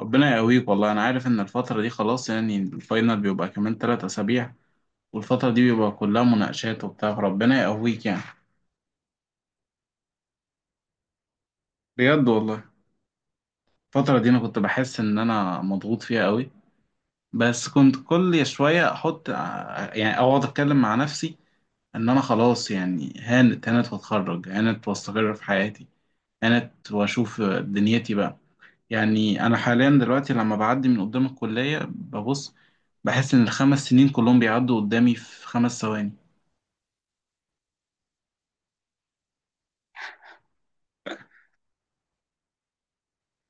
ربنا يقويك والله. انا عارف ان الفتره دي خلاص، يعني الفاينل بيبقى كمان 3 اسابيع، والفتره دي بيبقى كلها مناقشات وبتاع. ربنا يقويك يعني. بجد والله. الفتره دي انا كنت بحس ان انا مضغوط فيها قوي، بس كنت كل شويه احط اقعد اتكلم مع نفسي، ان انا خلاص يعني هانت، هانت واتخرج، هانت واستقر في حياتي، هانت واشوف دنيتي بقى. يعني انا حاليا دلوقتي لما بعدي من قدام الكليه ببص، بحس ان ال 5 سنين كلهم بيعدوا قدامي في 5 ثواني.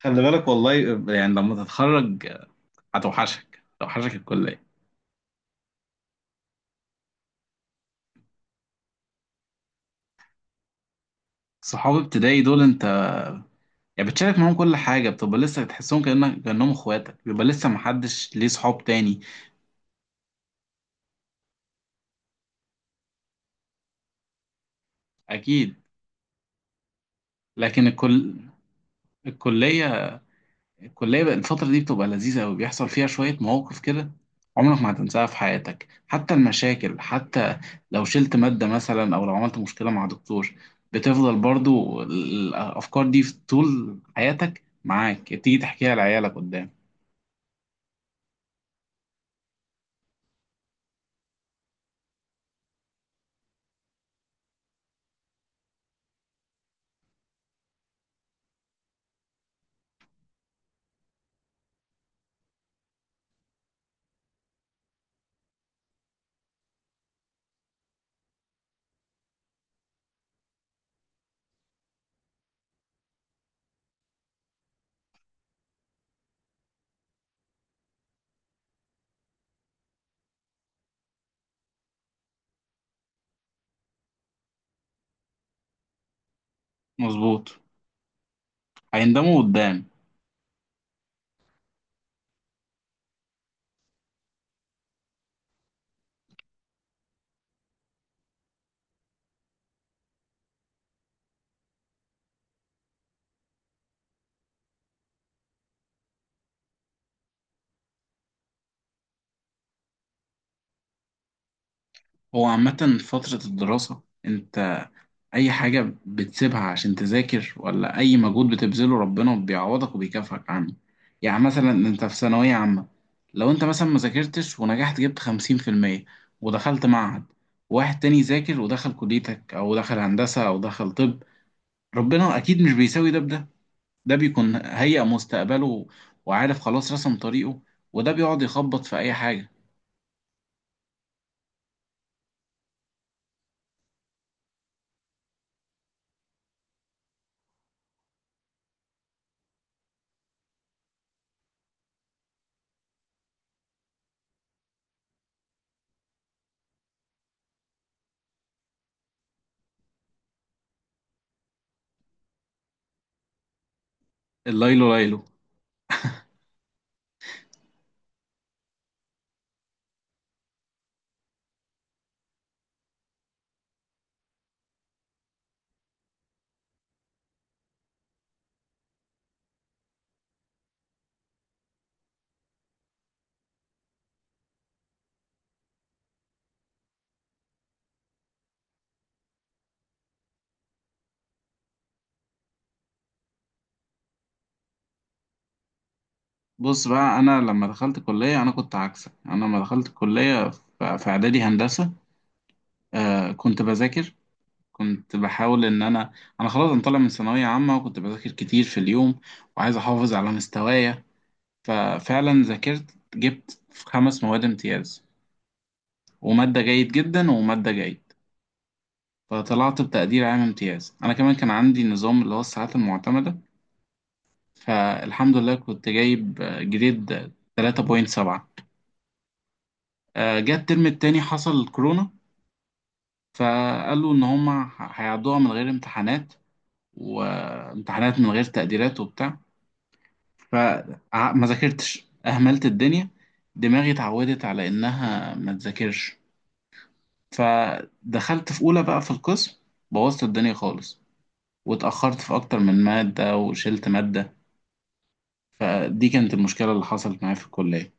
خلي بالك والله. يعني لما تتخرج هتوحشك، توحشك الكلية. صحاب ابتدائي دول انت، يعني بتشارك معاهم كل حاجة، بتبقى لسه تحسهم كأنهم اخواتك، بيبقى لسه محدش ليه صحاب تاني. اكيد. لكن الكلية الكلية بقى الفترة دي بتبقى لذيذة أوي، بيحصل فيها شوية مواقف كده عمرك ما هتنساها في حياتك. حتى المشاكل، حتى لو شلت مادة مثلا أو لو عملت مشكلة مع دكتور، بتفضل برضو الأفكار دي في طول حياتك معاك، تيجي تحكيها لعيالك قدام. مظبوط. هيندموا قدام. هو عامة فترة الدراسة انت اي حاجة بتسيبها عشان تذاكر، ولا اي مجهود بتبذله، ربنا بيعوضك وبيكافئك عنه. يعني مثلا انت في ثانوية عامة لو انت مثلا ما ذاكرتش ونجحت، جبت 50% ودخلت معهد، واحد تاني ذاكر ودخل كليتك او دخل هندسة او دخل طب، ربنا اكيد مش بيساوي ده بده. ده بيكون هيئ مستقبله وعارف خلاص رسم طريقه، وده بيقعد يخبط في اي حاجة. الليلو ليلو. بص بقى، انا لما دخلت كليه انا كنت عكسك. انا لما دخلت كليه في اعدادي هندسه، كنت بذاكر، كنت بحاول ان انا، انا خلاص انا طالع من ثانويه عامه وكنت بذاكر كتير في اليوم وعايز احافظ على مستوايا. ففعلا ذاكرت، جبت في 5 مواد امتياز وماده جيد جدا وماده جيد، فطلعت بتقدير عام امتياز. انا كمان كان عندي نظام اللي هو الساعات المعتمده، فالحمد لله كنت جايب جريد 3.7. جه الترم التاني، حصل الكورونا، فقالوا ان هما هيعدوها من غير امتحانات، وامتحانات من غير تقديرات وبتاع، فما ذاكرتش، اهملت الدنيا، دماغي اتعودت على انها ما تذاكرش. فدخلت في اولى بقى في القسم، بوظت الدنيا خالص، واتاخرت في اكتر من ماده وشلت ماده. فدي كانت المشكله اللي حصلت معايا في الكليه.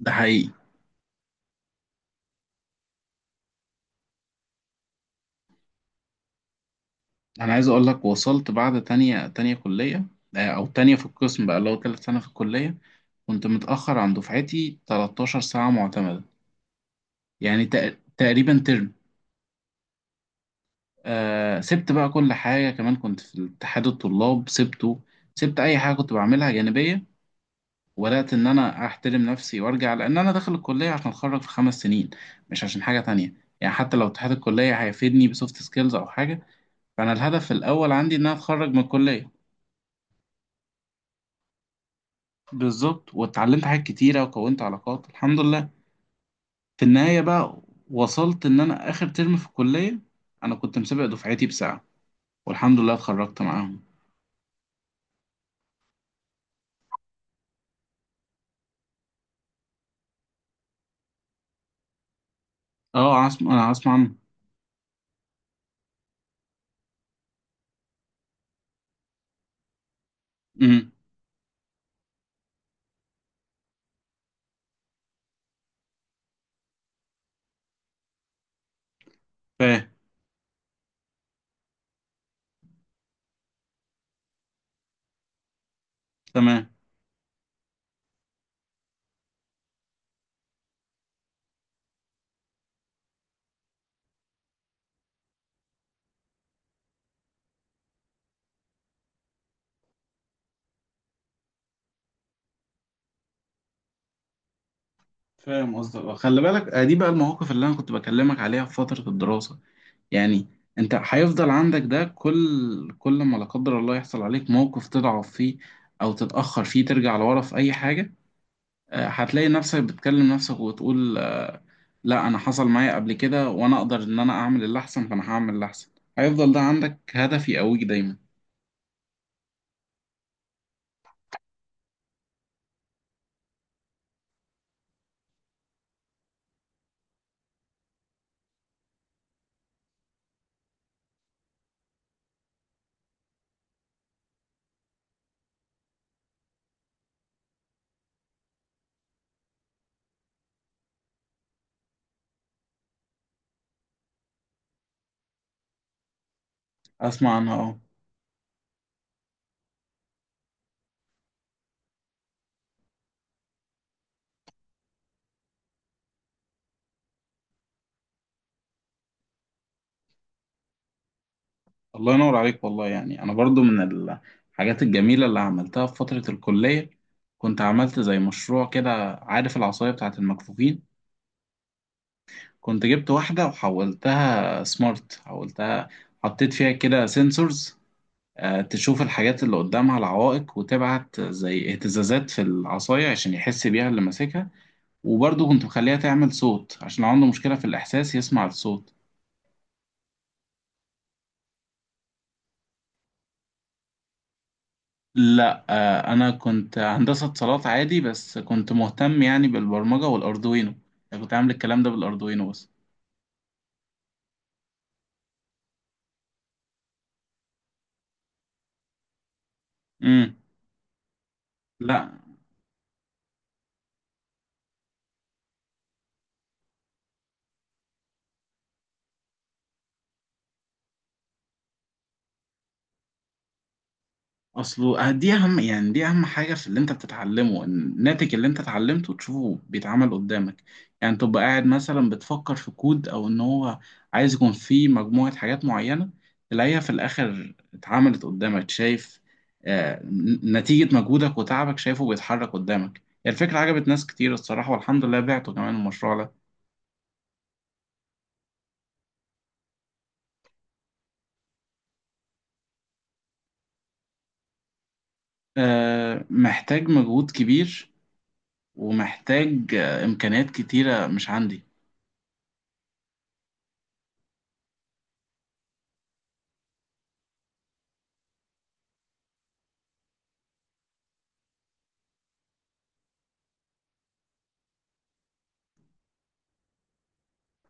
ده حقيقي. انا عايز اقول لك، وصلت بعد تانية كلية، او تانية في القسم بقى، اللي هو تالت سنة في الكلية، كنت متأخر عن دفعتي 13 ساعة معتمدة، يعني تقريبا ترم. سبت بقى كل حاجة، كمان كنت في اتحاد الطلاب سبته، سبت اي حاجة كنت بعملها جانبية، وبدأت ان انا احترم نفسي وارجع لان انا داخل الكلية عشان اتخرج في 5 سنين، مش عشان حاجة تانية. يعني حتى لو اتحاد الكلية هيفيدني بسوفت سكيلز او حاجة، فانا الهدف الاول عندي ان انا اتخرج من الكلية. بالظبط. واتعلمت حاجات كتيرة وكونت علاقات الحمد لله. في النهاية بقى وصلت إن أنا آخر ترم في الكلية أنا كنت مسابق دفعتي بساعة، والحمد لله اتخرجت معاهم. أه، عاصم. أنا عاصم عم. أمم فاهم. تمام. فاهم قصدك. خلي بالك، دي بقى المواقف اللي أنا كنت بكلمك عليها في فترة الدراسة. يعني أنت هيفضل عندك ده، كل كل ما لا قدر الله يحصل عليك موقف تضعف فيه أو تتأخر فيه، ترجع لورا في أي حاجة، هتلاقي نفسك بتكلم نفسك وتقول، لا، انا حصل معايا قبل كده، وانا اقدر ان انا اعمل اللي احسن، فانا هعمل اللي احسن. هيفضل ده عندك هدف يقويك دايما. اسمع عنها، اه. الله ينور عليك والله. يعني انا برضو من الحاجات الجميله اللي عملتها في فتره الكليه كنت عملت زي مشروع كده. عارف العصايه بتاعه المكفوفين؟ كنت جبت واحده وحولتها سمارت، حولتها، حطيت فيها كده سنسورز تشوف الحاجات اللي قدامها العوائق، وتبعت زي اهتزازات في العصايه عشان يحس بيها اللي ماسكها. وبرضه كنت مخليها تعمل صوت عشان عنده مشكلة في الإحساس، يسمع الصوت. لا أنا كنت هندسة اتصالات عادي، بس كنت مهتم يعني بالبرمجة والأردوينو. أنا كنت عامل الكلام ده بالأردوينو بس. امم لا، اصله دي اهم، يعني دي اهم حاجه في اللي انت بتتعلمه، إن الناتج اللي انت اتعلمته تشوفه بيتعمل قدامك. يعني تبقى قاعد مثلا بتفكر في كود او ان هو عايز يكون فيه مجموعه حاجات معينه، تلاقيها في الاخر اتعملت قدامك، شايف آه نتيجه مجهودك وتعبك، شايفه بيتحرك قدامك. يعني الفكره عجبت ناس كتير الصراحه، والحمد لله بعته كمان المشروع ده. محتاج مجهود كبير، ومحتاج امكانيات كتيره مش عندي.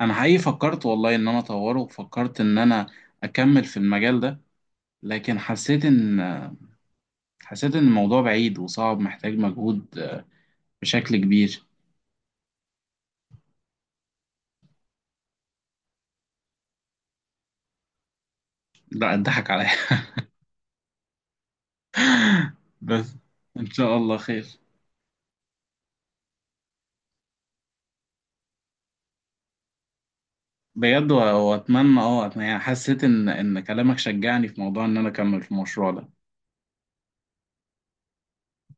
انا حقيقي فكرت والله ان انا اطوره، وفكرت ان انا اكمل في المجال ده، لكن حسيت ان الموضوع بعيد وصعب، محتاج مجهود بشكل كبير. لا، اتضحك عليا. بس. ان شاء الله خير. بجد واتمنى يعني حسيت ان كلامك شجعني في موضوع ان انا اكمل في المشروع ده.